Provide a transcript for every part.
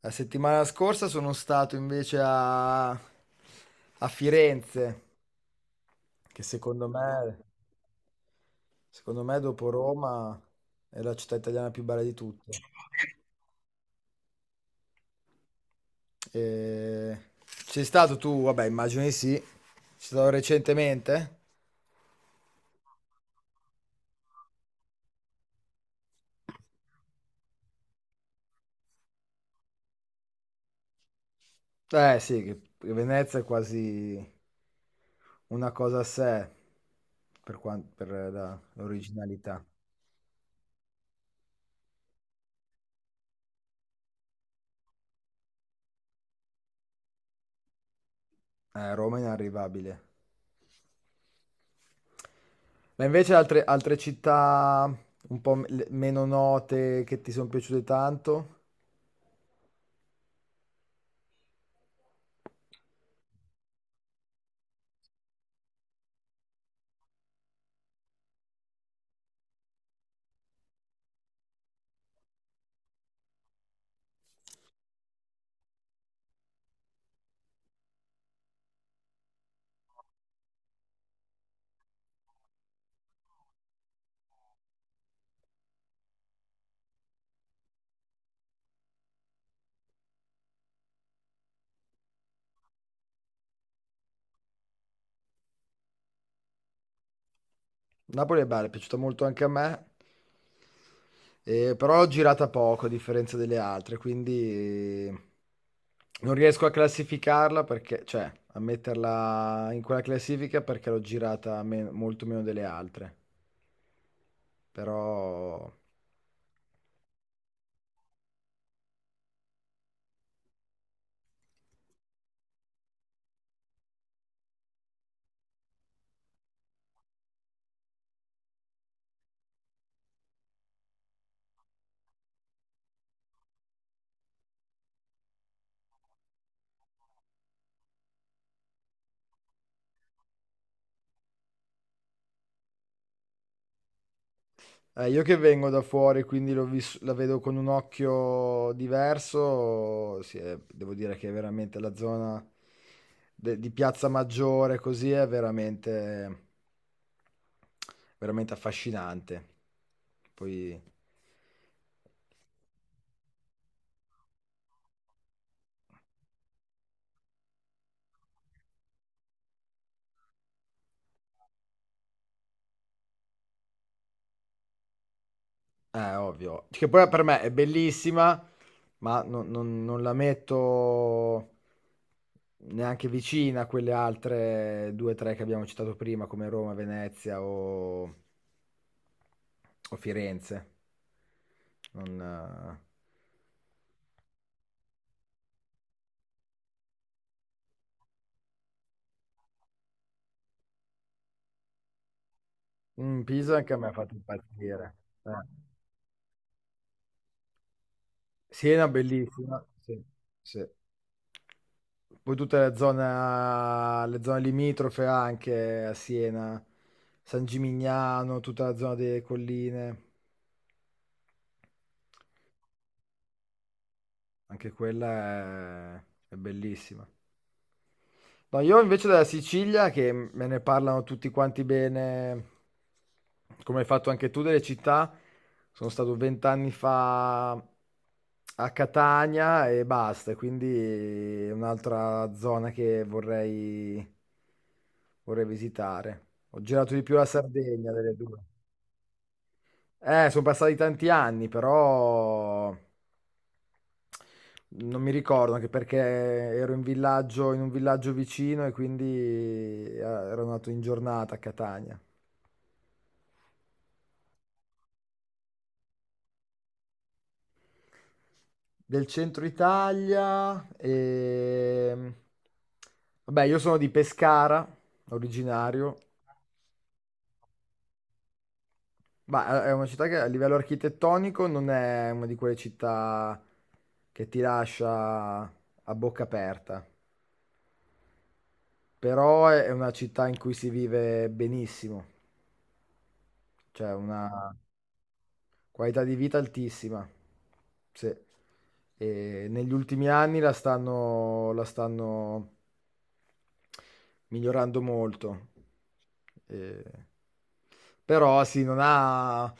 La settimana scorsa sono stato invece a Firenze, che secondo me, secondo me dopo Roma è la città italiana più bella di tutte. E... Sei stato tu? Vabbè, immagino di sì. Sei stato recentemente? Eh sì, che Venezia è quasi una cosa a sé per, per l'originalità. Roma è inarrivabile. Ma invece altre città un po' meno note che ti sono piaciute tanto? Napoli è bella, è piaciuta molto anche a me, però l'ho girata poco a differenza delle altre, quindi eh, non riesco a classificarla perché, cioè, a metterla in quella classifica perché l'ho girata molto meno delle altre, però... io che vengo da fuori, quindi la vedo con un occhio diverso, sì, devo dire che veramente la zona di Piazza Maggiore così è veramente affascinante. Poi, ovvio, che poi per me è bellissima, ma non la metto neanche vicina a quelle altre due o tre che abbiamo citato prima, come Roma, Venezia o Firenze. Non, Pisa anche a me ha fatto impazzire. Eh. Siena bellissima, sì, sì. Poi tutta la zona, le zone limitrofe anche a Siena, San Gimignano, tutta la zona delle colline, anche quella è bellissima. No, io invece della Sicilia, che me ne parlano tutti quanti bene, come hai fatto anche tu delle città, sono stato vent'anni fa a Catania e basta, quindi è un'altra zona che vorrei, vorrei visitare. Ho girato di più la Sardegna delle due. Sono passati tanti anni, però... Non mi ricordo anche perché ero in villaggio, in un villaggio vicino e quindi ero nato in giornata a Catania. Del centro Italia e... Vabbè, io sono di Pescara, originario. Ma è una città che a livello architettonico non è una di quelle città che ti lascia a bocca aperta, però è una città in cui si vive benissimo, cioè una, Qualità di vita altissima. Sì. E negli ultimi anni la stanno migliorando molto. Eh, però sì, non ha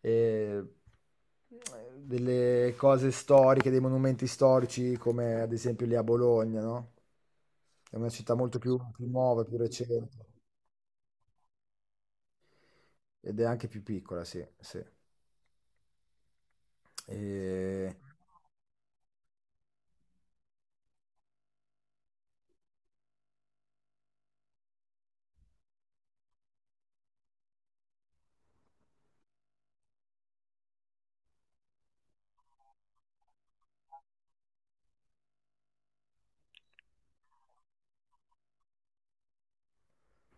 eh, delle cose storiche, dei monumenti storici come ad esempio lì a Bologna, no? È una città molto più, più nuova, più recente ed è anche più piccola, sì, sì. E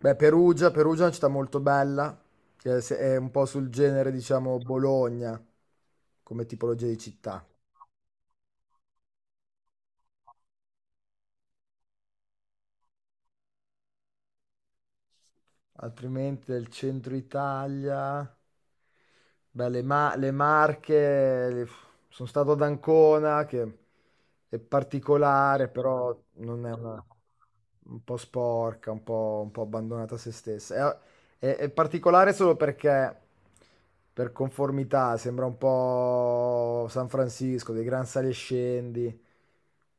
beh, Perugia è una città molto bella, che è è un po' sul genere, diciamo, Bologna, come tipologia di città. Altrimenti del centro Italia. Beh, le Marche, sono stato ad Ancona, che è particolare, però non è una... un po' sporca, un po' abbandonata a se stessa. È, è particolare solo perché, per conformità, sembra un po' San Francisco, dei gran sali e scendi,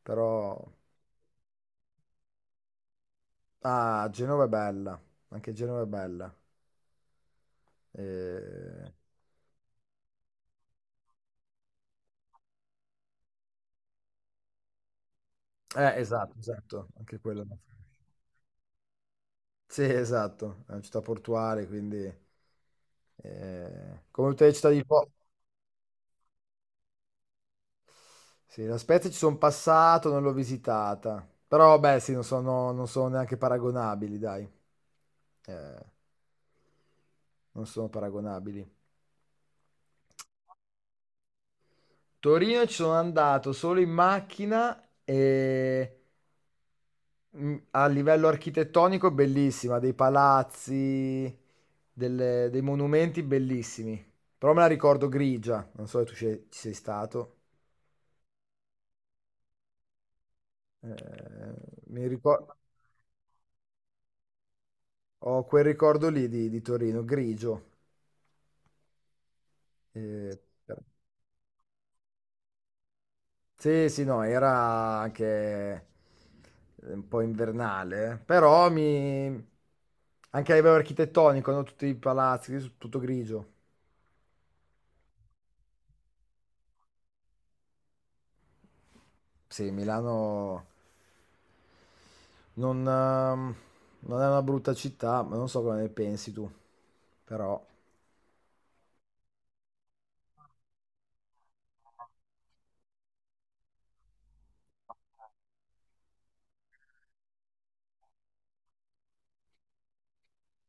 però... Ah, Genova è bella, anche Genova è bella. Eh, esatto, esatto, anche quello. No. Sì, esatto, è una città portuale, quindi... come tutte le città di Po. Sì, la Spezia ci sono passato, non l'ho visitata. Però, beh, sì, non sono neanche paragonabili, dai. Eh, non sono paragonabili. Torino ci sono andato solo in macchina e a livello architettonico è bellissima, dei palazzi, dei monumenti bellissimi. Però me la ricordo grigia, non so se tu ci sei stato. Eh, mi ricor- ho quel ricordo lì di Torino, grigio. Eh, per- sì, no, era anche un po' invernale, eh. Però mi... anche a livello architettonico, no? Tutti i palazzi, tutto grigio. Sì, Milano non, non è una brutta città, ma non so cosa ne pensi tu, però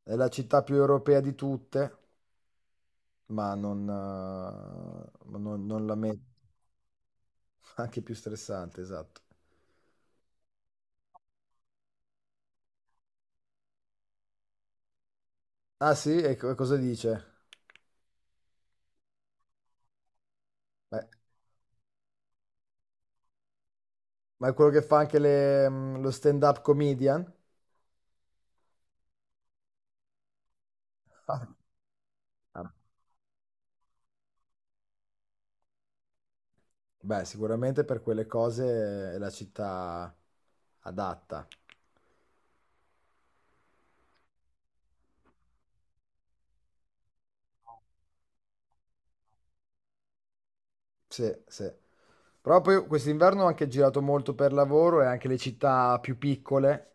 è la città più europea di tutte, ma non, ma non la metto. Anche più stressante, esatto. Ah sì? E cosa dice? Beh, ma è quello che fa anche lo stand-up comedian? Ah. Beh, sicuramente per quelle cose è la città adatta. Sì, sì. Però poi quest'inverno ho anche girato molto per lavoro e anche le città più piccole,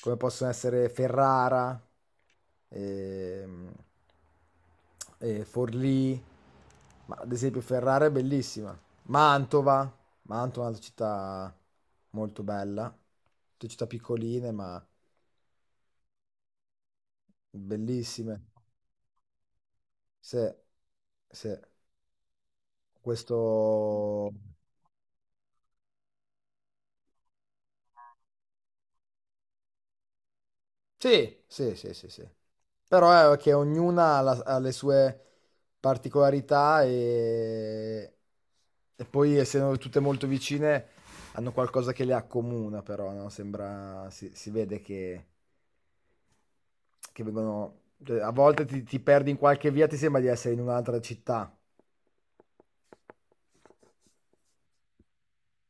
come possono essere Ferrara, ehm, e Forlì, ma ad esempio Ferrara è bellissima. Mantova, Mantova è un'altra città molto bella, tutte città piccoline ma bellissime. Sì, sì. Questo sì, sì, sì, sì, sì. Però è che ognuna ha, ha le sue particolarità e poi essendo tutte molto vicine hanno qualcosa che le accomuna, però, no? Sembra, si vede che vengono... cioè, a volte ti perdi in qualche via, ti sembra di essere in un'altra città.